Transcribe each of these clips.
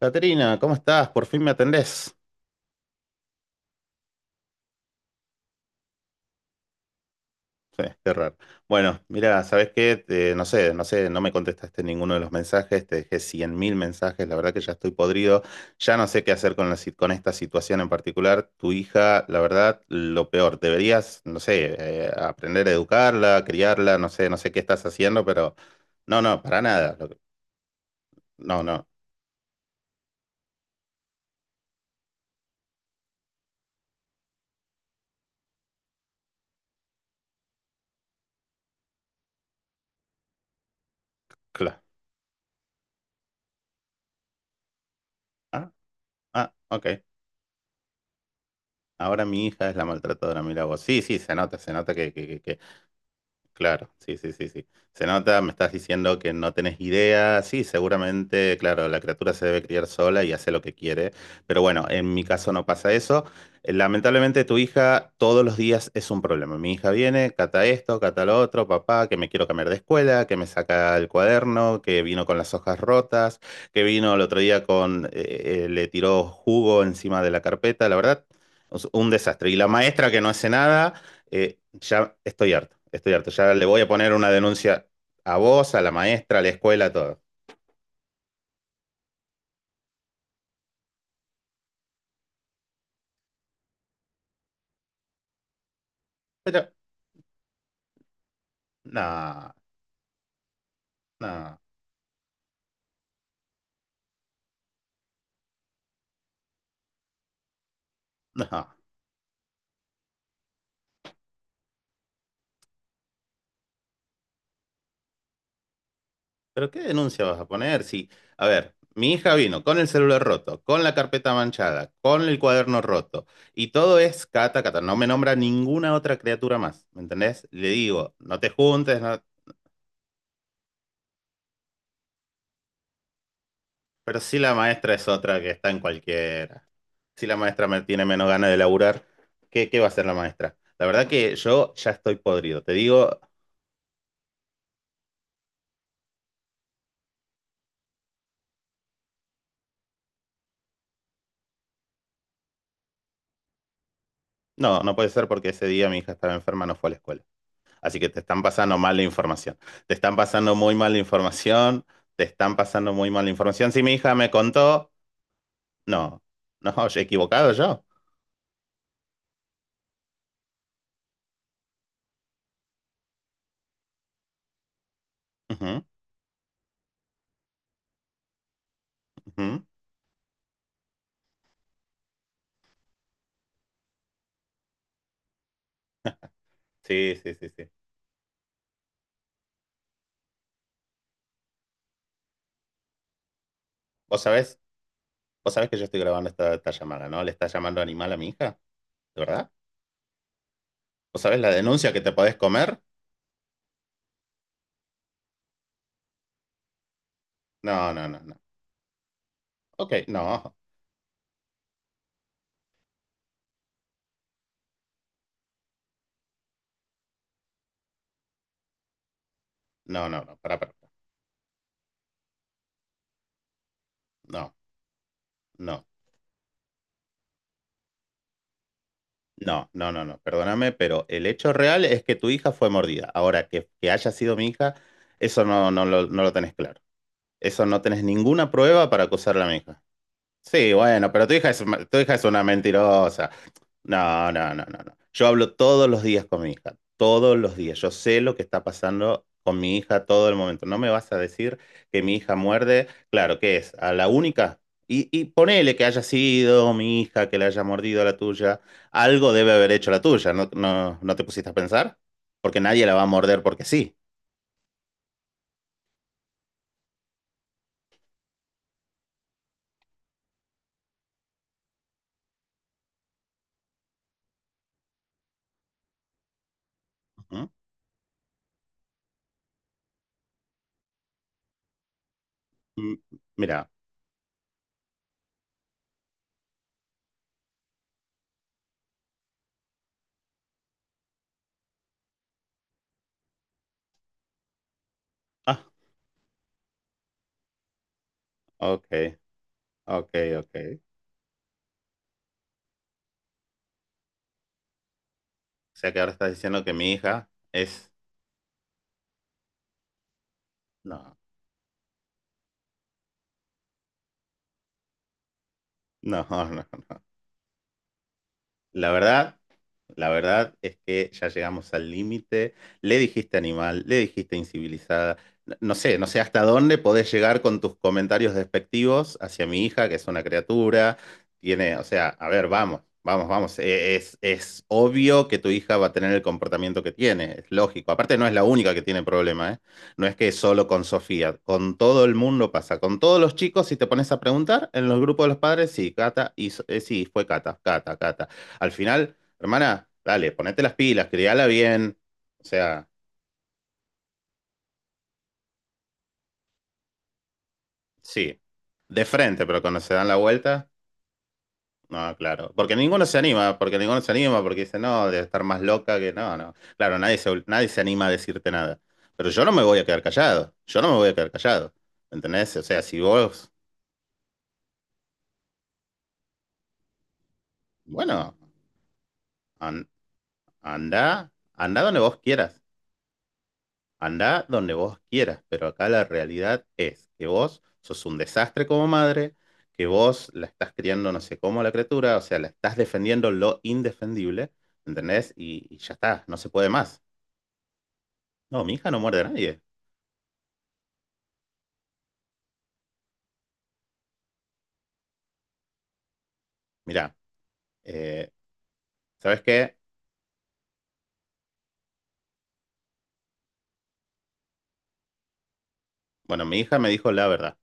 Caterina, ¿cómo estás? Por fin me atendés. Sí, qué raro. Bueno, mira, ¿sabés qué? No sé, no me contestaste ninguno de los mensajes, te dejé 100.000 mensajes, la verdad que ya estoy podrido, ya no sé qué hacer con la, si- con esta situación en particular. Tu hija, la verdad, lo peor, deberías, no sé, aprender a educarla, criarla, no sé qué estás haciendo, pero no, no, para nada. No, no, claro. Ah, ah, ok. Ahora mi hija es la maltratadora, mira vos. Sí, sí, se nota que. Claro, sí, sí, sí, sí. Se nota, me estás diciendo que no tenés idea. Sí, seguramente, claro, la criatura se debe criar sola y hace lo que quiere. Pero bueno, en mi caso no pasa eso. Lamentablemente tu hija todos los días es un problema. Mi hija viene, Cata esto, Cata lo otro, papá, que me quiero cambiar de escuela, que me saca el cuaderno, que vino con las hojas rotas, que vino el otro día le tiró jugo encima de la carpeta. La verdad, un desastre. Y la maestra que no hace nada. Ya estoy harto, estoy harto. Ya le voy a poner una denuncia a vos, a la maestra, a la escuela, a todo. Pero, no, no, no. ¿Pero qué denuncia vas a poner? Si, a ver, mi hija vino con el celular roto, con la carpeta manchada, con el cuaderno roto, y todo es Cata, Cata. No me nombra ninguna otra criatura más, ¿me entendés? Le digo, no te juntes, no. Pero sí la maestra es otra que está en cualquiera. Si la maestra me tiene menos ganas de laburar, ¿qué va a hacer la maestra? La verdad que yo ya estoy podrido. Te digo, no, no puede ser porque ese día mi hija estaba enferma, no fue a la escuela. Así que te están pasando mala información. Te están pasando muy mala información. Te están pasando muy mala información. Si mi hija me contó, no, no, he equivocado yo. Ujú, ujú. Sí, sí, sí, sí. ¿Vos sabés, vos sabés que yo estoy grabando esta llamada, ¿no? ¿Le está llamando animal a mi hija? ¿De verdad? ¿Vos sabés la denuncia que te podés comer? No, no, no, no. Ok, no, no, no, no, pará, pará, pará. No, no, no, no, no, no. Perdóname, pero el hecho real es que tu hija fue mordida. Ahora, que haya sido mi hija, eso no, no lo tenés claro. Eso no tenés ninguna prueba para acusarla a mi hija. Sí, bueno, pero tu hija es una mentirosa. No, no, no, no, no. Yo hablo todos los días con mi hija, todos los días. Yo sé lo que está pasando con mi hija todo el momento. No me vas a decir que mi hija muerde, claro, ¿qué es? A la única. Y ponele que haya sido mi hija que le haya mordido a la tuya. Algo debe haber hecho la tuya, ¿no, te pusiste a pensar? Porque nadie la va a morder porque sí. Ujú. Mm, Mira, ah, ok, ok, ok. O sea que ahora estás diciendo que mi hija es... No, no, no, no. La verdad... La verdad es que ya llegamos al límite. Le dijiste animal, le dijiste incivilizada. No, no sé hasta dónde podés llegar con tus comentarios despectivos hacia mi hija, que es una criatura. Tiene, o sea, a ver, vamos, vamos, vamos. Es obvio que tu hija va a tener el comportamiento que tiene, es lógico. Aparte, no es la única que tiene problema, ¿eh? No es que solo con Sofía, con todo el mundo pasa. Con todos los chicos, si te pones a preguntar, en los grupos de los padres, sí, Cata, sí, fue Cata, Cata, Cata. Al final. Hermana, dale, ponete las pilas, criala bien. O sea, sí, de frente, pero cuando se dan la vuelta, no, claro. Porque ninguno se anima, porque ninguno se anima, porque dice, no, debe estar más loca que no, no. Claro, nadie se anima a decirte nada. Pero yo no me voy a quedar callado, yo no me voy a quedar callado. ¿Entendés? O sea, si vos, bueno, an- anda anda donde vos quieras. Andá donde vos quieras, pero acá la realidad es que vos sos un desastre como madre, que vos la estás criando no sé cómo a la criatura, o sea, la estás defendiendo lo indefendible, ¿entendés? Y ya está, no se puede más. No, mi hija no muerde a nadie. Mirá, eh, ¿sabes qué? Bueno, mi hija me dijo la verdad.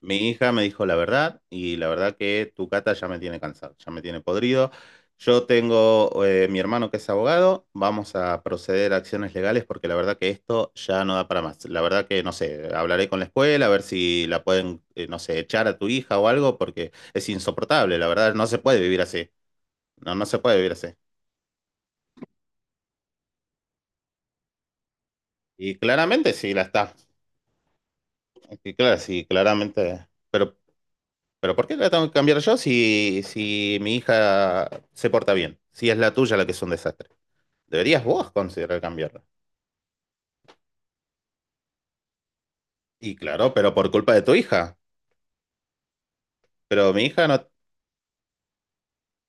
Mi hija me dijo la verdad y la verdad que tu Cata ya me tiene cansado, ya me tiene podrido. Yo tengo mi hermano que es abogado, vamos a proceder a acciones legales porque la verdad que esto ya no da para más. La verdad que no sé, hablaré con la escuela a ver si la pueden, no sé, echar a tu hija o algo porque es insoportable, la verdad no se puede vivir así, no, no se puede vivir así. Y claramente sí la está, y claro, sí, claramente, pero ¿por qué la tengo que cambiar yo si mi hija se porta bien? Si es la tuya la que es un desastre. Deberías vos considerar cambiarla. Y claro, pero por culpa de tu hija. Pero mi hija no...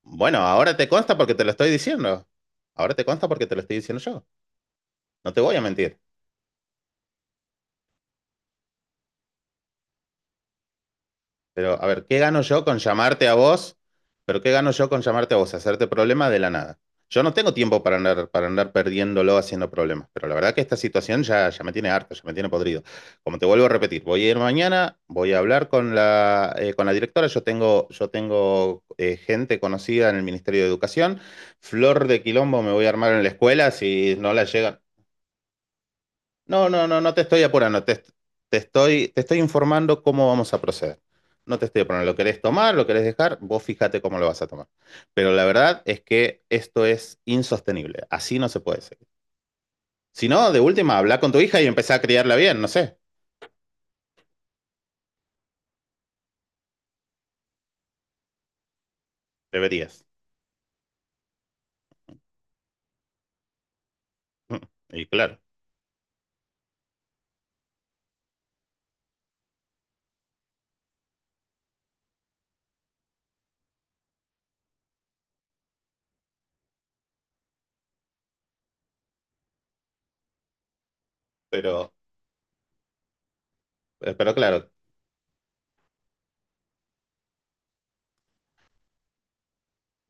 Bueno, ahora te consta porque te lo estoy diciendo. Ahora te consta porque te lo estoy diciendo yo. No te voy a mentir. Pero, a ver, ¿qué gano yo con llamarte a vos? Pero ¿qué gano yo con llamarte a vos? Hacerte problemas de la nada. Yo no tengo tiempo para andar perdiéndolo haciendo problemas, pero la verdad que esta situación ya me tiene harto, ya me tiene podrido. Como te vuelvo a repetir, voy a ir mañana, voy a hablar con la directora, yo tengo gente conocida en el Ministerio de Educación, flor de quilombo me voy a armar en la escuela, si no la llegan, no, no, no, no te estoy apurando, te estoy informando cómo vamos a proceder. No te estoy apurando, lo querés tomar, lo querés dejar, vos fíjate cómo lo vas a tomar. Pero la verdad es que esto es insostenible, así no se puede seguir. Si no, de última, habla con tu hija y empezá a criarla bien, no sé, deberías. Y claro, pero, pero claro.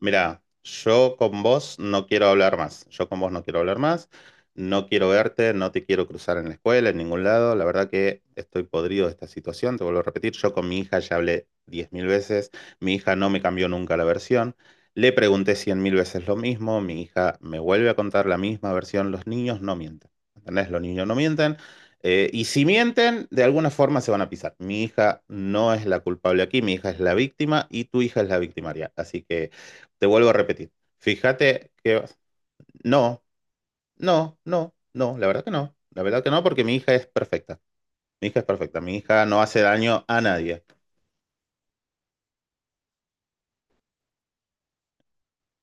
Mira, yo con vos no quiero hablar más. Yo con vos no quiero hablar más. No quiero verte, no te quiero cruzar en la escuela, en ningún lado. La verdad que estoy podrido de esta situación. Te vuelvo a repetir, yo con mi hija ya hablé 10.000 veces. Mi hija no me cambió nunca la versión. Le pregunté 100.000 veces lo mismo. Mi hija me vuelve a contar la misma versión. Los niños no mienten. ¿Entendés? Los niños no mienten. Y si mienten, de alguna forma se van a pisar. Mi hija no es la culpable aquí, mi hija es la víctima y tu hija es la victimaria. Así que te vuelvo a repetir. Fíjate que no, no, no, no, la verdad que no. La verdad que no, porque mi hija es perfecta. Mi hija es perfecta. Mi hija no hace daño a nadie.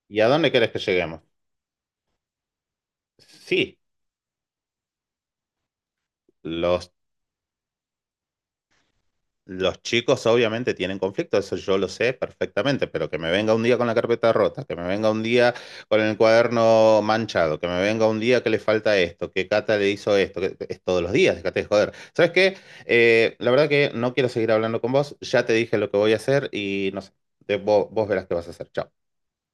¿Y a dónde querés que lleguemos? Sí, los Los chicos obviamente tienen conflicto, eso yo lo sé perfectamente, pero que me venga un día con la carpeta rota, que me venga un día con el cuaderno manchado, que me venga un día que le falta esto, que Cata le hizo esto, que es todos los días, déjate de joder. ¿Sabes qué? La verdad que no quiero seguir hablando con vos, ya te dije lo que voy a hacer y no sé, vos verás qué vas a hacer, chao.